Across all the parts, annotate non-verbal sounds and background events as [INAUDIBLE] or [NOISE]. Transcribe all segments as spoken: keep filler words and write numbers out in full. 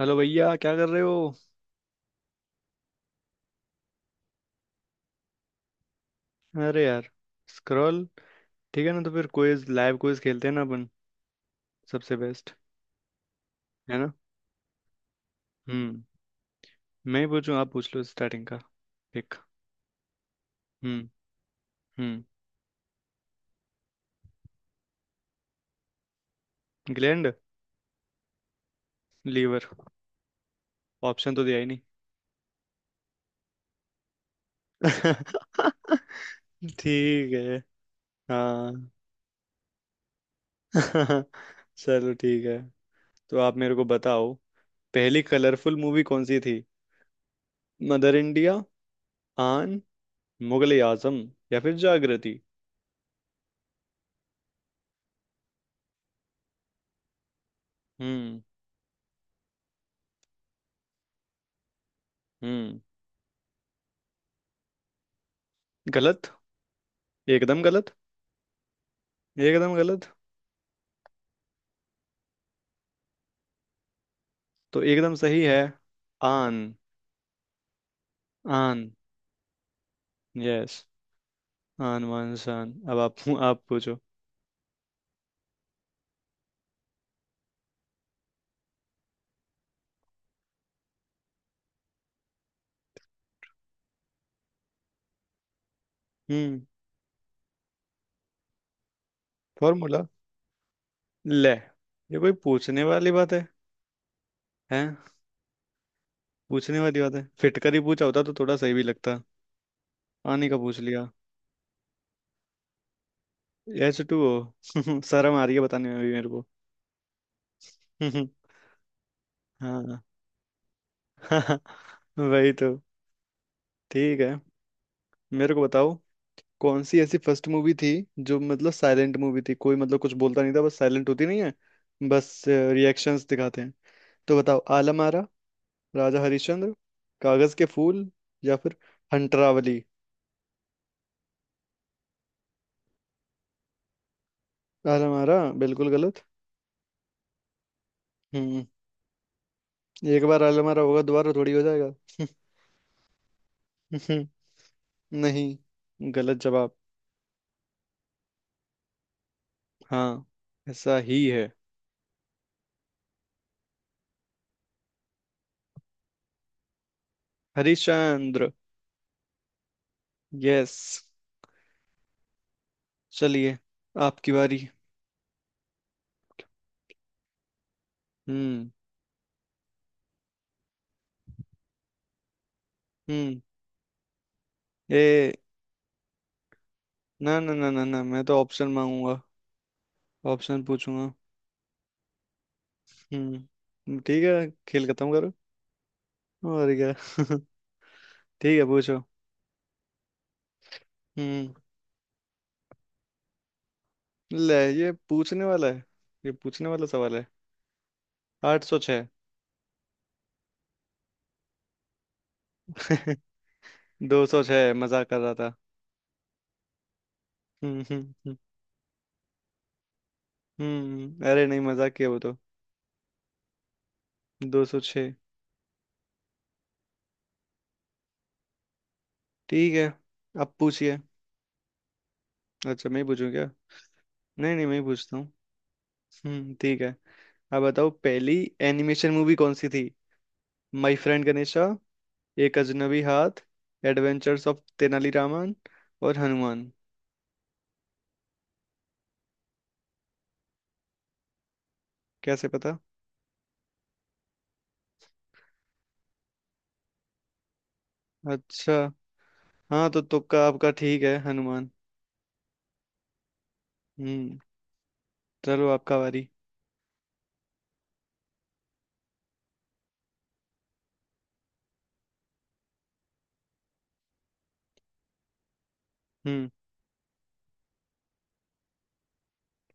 Hello भैया, क्या कर रहे हो। अरे यार, स्क्रॉल। ठीक है ना, तो फिर क्विज, लाइव क्विज खेलते हैं ना अपन। सबसे बेस्ट है ना। हम्म। मैं ही पूछूं, आप पूछ लो स्टार्टिंग का एक। हम्म। हम्म। Gland liver. ऑप्शन तो दिया ही नहीं। [LAUGHS] ठीक है। हाँ। [LAUGHS] चलो ठीक है। तो आप मेरे को बताओ, पहली कलरफुल मूवी कौन सी थी। मदर इंडिया, आन, मुगले आजम या फिर जागृति। हम्म। हम्म। गलत, एकदम गलत। एकदम गलत। तो एकदम सही है। आन। आन। यस। आन मान शान। अब आप आप पूछो। हम्म। फॉर्मूला? ले, ये कोई पूछने वाली बात है। हैं? पूछने वाली बात है, फिटकर ही पूछा होता तो थोड़ा सही भी लगता। आने का पूछ लिया। एच टू ओ। [LAUGHS] शर्म आ रही है बताने में भी मेरे को। [LAUGHS] हाँ। [LAUGHS] वही तो। ठीक है, मेरे को बताओ। कौन सी ऐसी फर्स्ट मूवी थी जो मतलब साइलेंट मूवी थी, कोई मतलब कुछ बोलता नहीं था, बस साइलेंट होती नहीं है, बस रिएक्शंस दिखाते हैं। तो बताओ, आलम आरा, राजा हरिश्चंद्र, कागज के फूल या फिर हंटरावली। आलम आरा बिल्कुल गलत। हम्म। एक बार आलम आरा होगा, दोबारा थोड़ी हो जाएगा। [LAUGHS] नहीं, गलत जवाब। हाँ, ऐसा ही है। हरिश्चंद्र। यस। चलिए आपकी बारी। हम्म। हम्म। ए, ना ना ना ना ना, मैं तो ऑप्शन मांगूंगा, ऑप्शन पूछूंगा। हम्म ठीक है, खेल खत्म करो, और क्या। [LAUGHS] ठीक है, पूछो। हम्म। ले, ये पूछने वाला है। ये पूछने वाला सवाल है। आठ सौ छः। [LAUGHS] दो सौ छः, मजाक कर रहा था। हम्म हम्म हम्म। हम्म, अरे नहीं मजाक किया वो तो। दो सौ छः। ठीक है, अब पूछिए। अच्छा, मैं ही पूछूं क्या। नहीं नहीं मैं ही पूछता हूँ। हम्म ठीक है। अब बताओ, पहली एनिमेशन मूवी कौन सी थी। माई फ्रेंड गणेशा, एक अजनबी हाथ, एडवेंचर्स ऑफ तेनालीरामन और हनुमान। कैसे पता? अच्छा। हाँ तो तुक्का आपका ठीक है, हनुमान। हम्म। चलो आपका बारी। हम्म।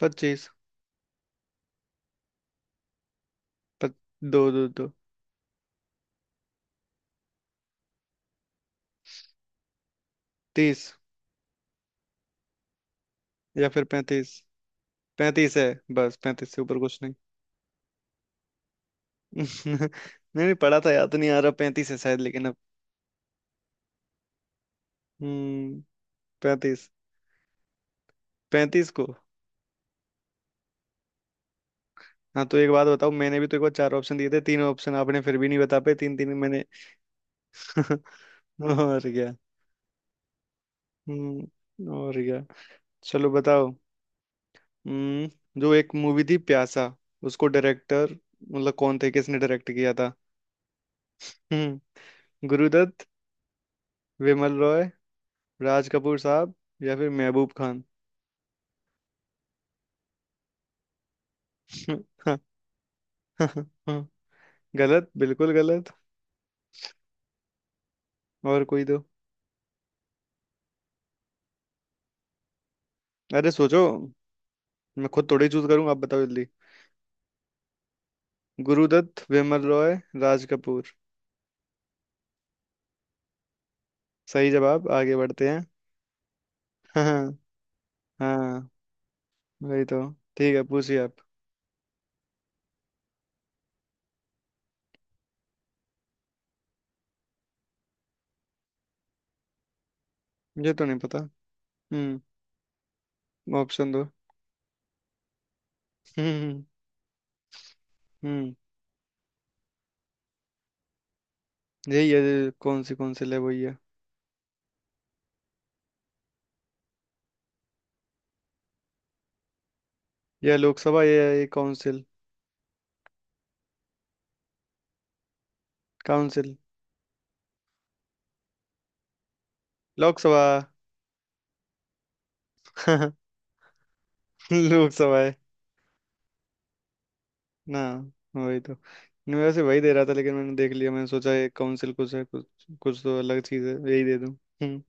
पच्चीस। पच, दो दो दो। तीस या फिर पैंतीस। पैंतीस है, बस पैंतीस से ऊपर कुछ नहीं। [LAUGHS] नहीं नहीं, पढ़ा था, याद तो नहीं आ रहा, पैंतीस है शायद, लेकिन अब। हम्म। पैंतीस। पैंतीस को। हाँ तो एक बात बताओ, मैंने भी तो एक बार चार ऑप्शन दिए थे, तीन ऑप्शन आपने फिर भी नहीं बता पाए, तीन तीन मैंने। [LAUGHS] और क्या। हम्म और क्या। चलो बताओ। हम्म। जो एक मूवी थी प्यासा, उसको डायरेक्टर मतलब कौन थे, किसने डायरेक्ट किया था। हम्म। गुरुदत्त, विमल रॉय, राज कपूर साहब या फिर महबूब खान। [LAUGHS] गलत, बिल्कुल गलत। और कोई दो। अरे सोचो। मैं खुद थोड़ी चूज करूँ, आप बताओ जल्दी। गुरुदत्त, विमल रॉय, राज कपूर। सही जवाब, आगे बढ़ते हैं। [LAUGHS] हाँ। हाँ। वही तो। ठीक है पूछिए आप। मुझे तो नहीं पता। हम्म। ऑप्शन दो। हम्म। हम्म। यही है, कौन सी कौंसिल है, वही है। यह लोकसभा, ये है ये काउंसिल। काउंसिल। लोकसभा। [LAUGHS] लोकसभा है ना, वही तो, नहीं, वैसे वही दे रहा था लेकिन मैंने देख लिया, मैंने सोचा ये काउंसिल कुछ है, कुछ कुछ तो अलग चीज है, यही दे दूं। हम्म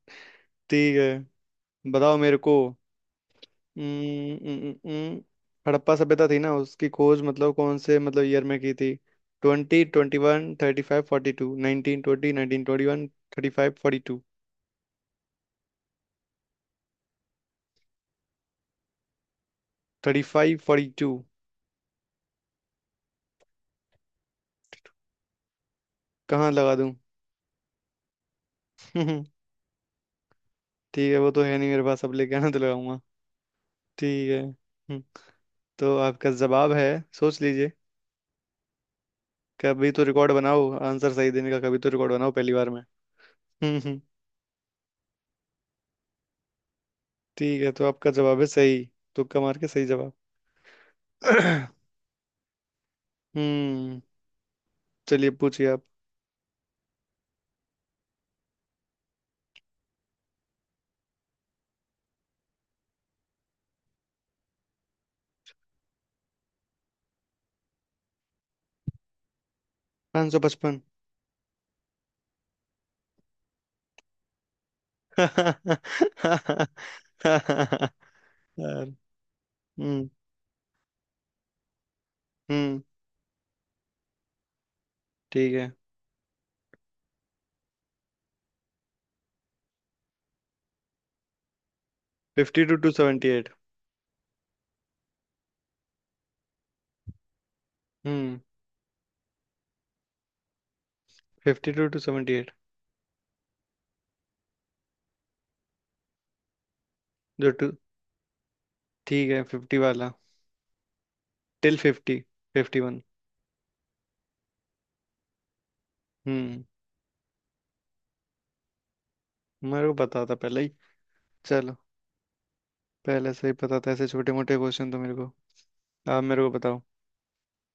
ठीक है। बताओ मेरे को। हम्म, हम्म, हम्म, हम्म। हड़प्पा सभ्यता थी ना, उसकी खोज मतलब कौन से मतलब ईयर में की थी। Twenty twenty one, thirty five forty two, nineteen twenty, nineteen twenty one thirty five. Thirty five forty two. कहाँ लगा दूँ? [LAUGHS] ठीक है वो तो है नहीं मेरे पास, अब लेके आना तो लगाऊंगा। ठीक है। हम्म। तो आपका जवाब है, सोच लीजिए। कभी तो रिकॉर्ड बनाओ आंसर सही देने का, कभी तो रिकॉर्ड बनाओ पहली बार में। हम्म, हम्म। ठीक है, तो आपका जवाब है सही। तुक्का मार के सही जवाब। [COUGHS] [CLEARS THROAT] हम्म। चलिए पूछिए आप। पाँच सौ पचपन। [LAUGHS] यार। हम्म। हम्म ठीक है। Fifty two two seventy eight. Hmm. Fifty two two seventy eight. जो टू, ठीक है, फिफ्टी वाला, टिल फिफ्टी, फिफ्टी वन। हम्म। मेरे को पता था पहले ही। चलो। पहले से ही पता था, ऐसे छोटे मोटे क्वेश्चन तो मेरे को। आप मेरे को बताओ,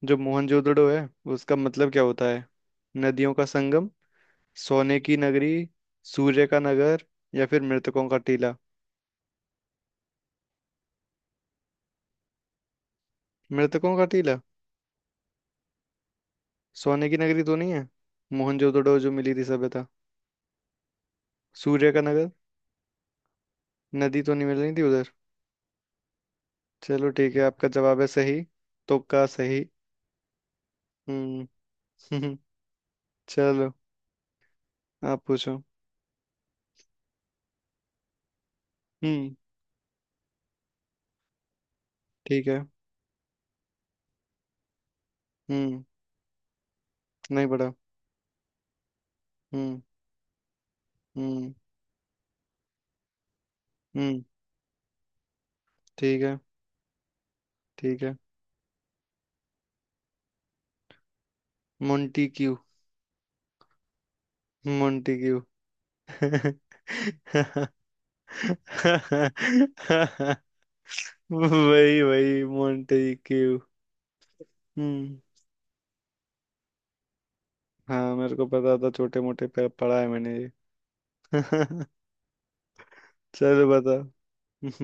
जो मोहनजोदड़ो है, उसका मतलब क्या होता है। नदियों का संगम, सोने की नगरी, सूर्य का नगर या फिर मृतकों का टीला। मृतकों का टीला? सोने की नगरी तो नहीं है, मोहनजोदड़ो जो मिली थी सभ्यता। सूर्य का नगर, नदी तो नहीं मिल रही थी उधर। चलो ठीक है, आपका जवाब है सही। तुक्का सही। हम्म। [LAUGHS] चलो, आप पूछो। हम्म ठीक है। हम्म। नहीं पढ़ा। हम्म। हम्म। हम्म ठीक है। ठीक है मोंटी क्यू। मोंटी क्यू। वही वही, मोंटी क्यू। हम्म। हाँ मेरे को पता था, छोटे मोटे पे पढ़ा है मैंने ये। [LAUGHS] चलो बताओ।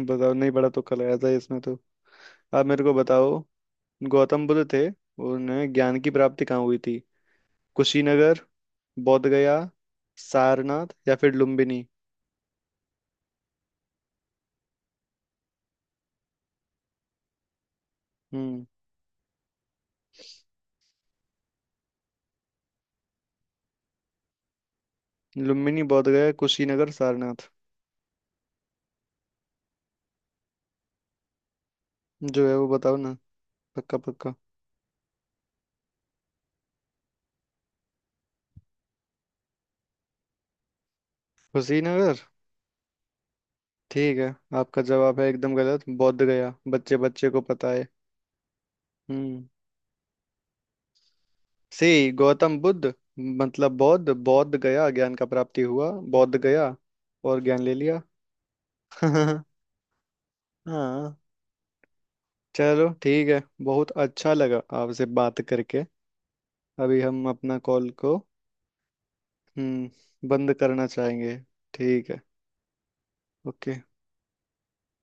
बताओ, नहीं पढ़ा तो, कल आया था इसमें तो। आप मेरे को बताओ। गौतम बुद्ध थे, उन्हें ज्ञान की प्राप्ति कहाँ हुई थी। कुशीनगर, बोध गया, सारनाथ या फिर लुम्बिनी। हम्म। लुम्बिनी, बोध गया, कुशीनगर, सारनाथ। जो है वो बताओ ना। पक्का पक्का? कुशीनगर? ठीक है, आपका जवाब है एकदम गलत, बोध गया, बच्चे बच्चे को पता है। हम्म। सी गौतम बुद्ध, मतलब बौद्ध, बौद्ध गया ज्ञान का प्राप्ति हुआ, बौद्ध गया और ज्ञान ले लिया। [LAUGHS] हाँ। चलो ठीक है, बहुत अच्छा लगा आपसे बात करके। अभी हम अपना कॉल को, हम्म, बंद करना चाहेंगे। ठीक है। ओके।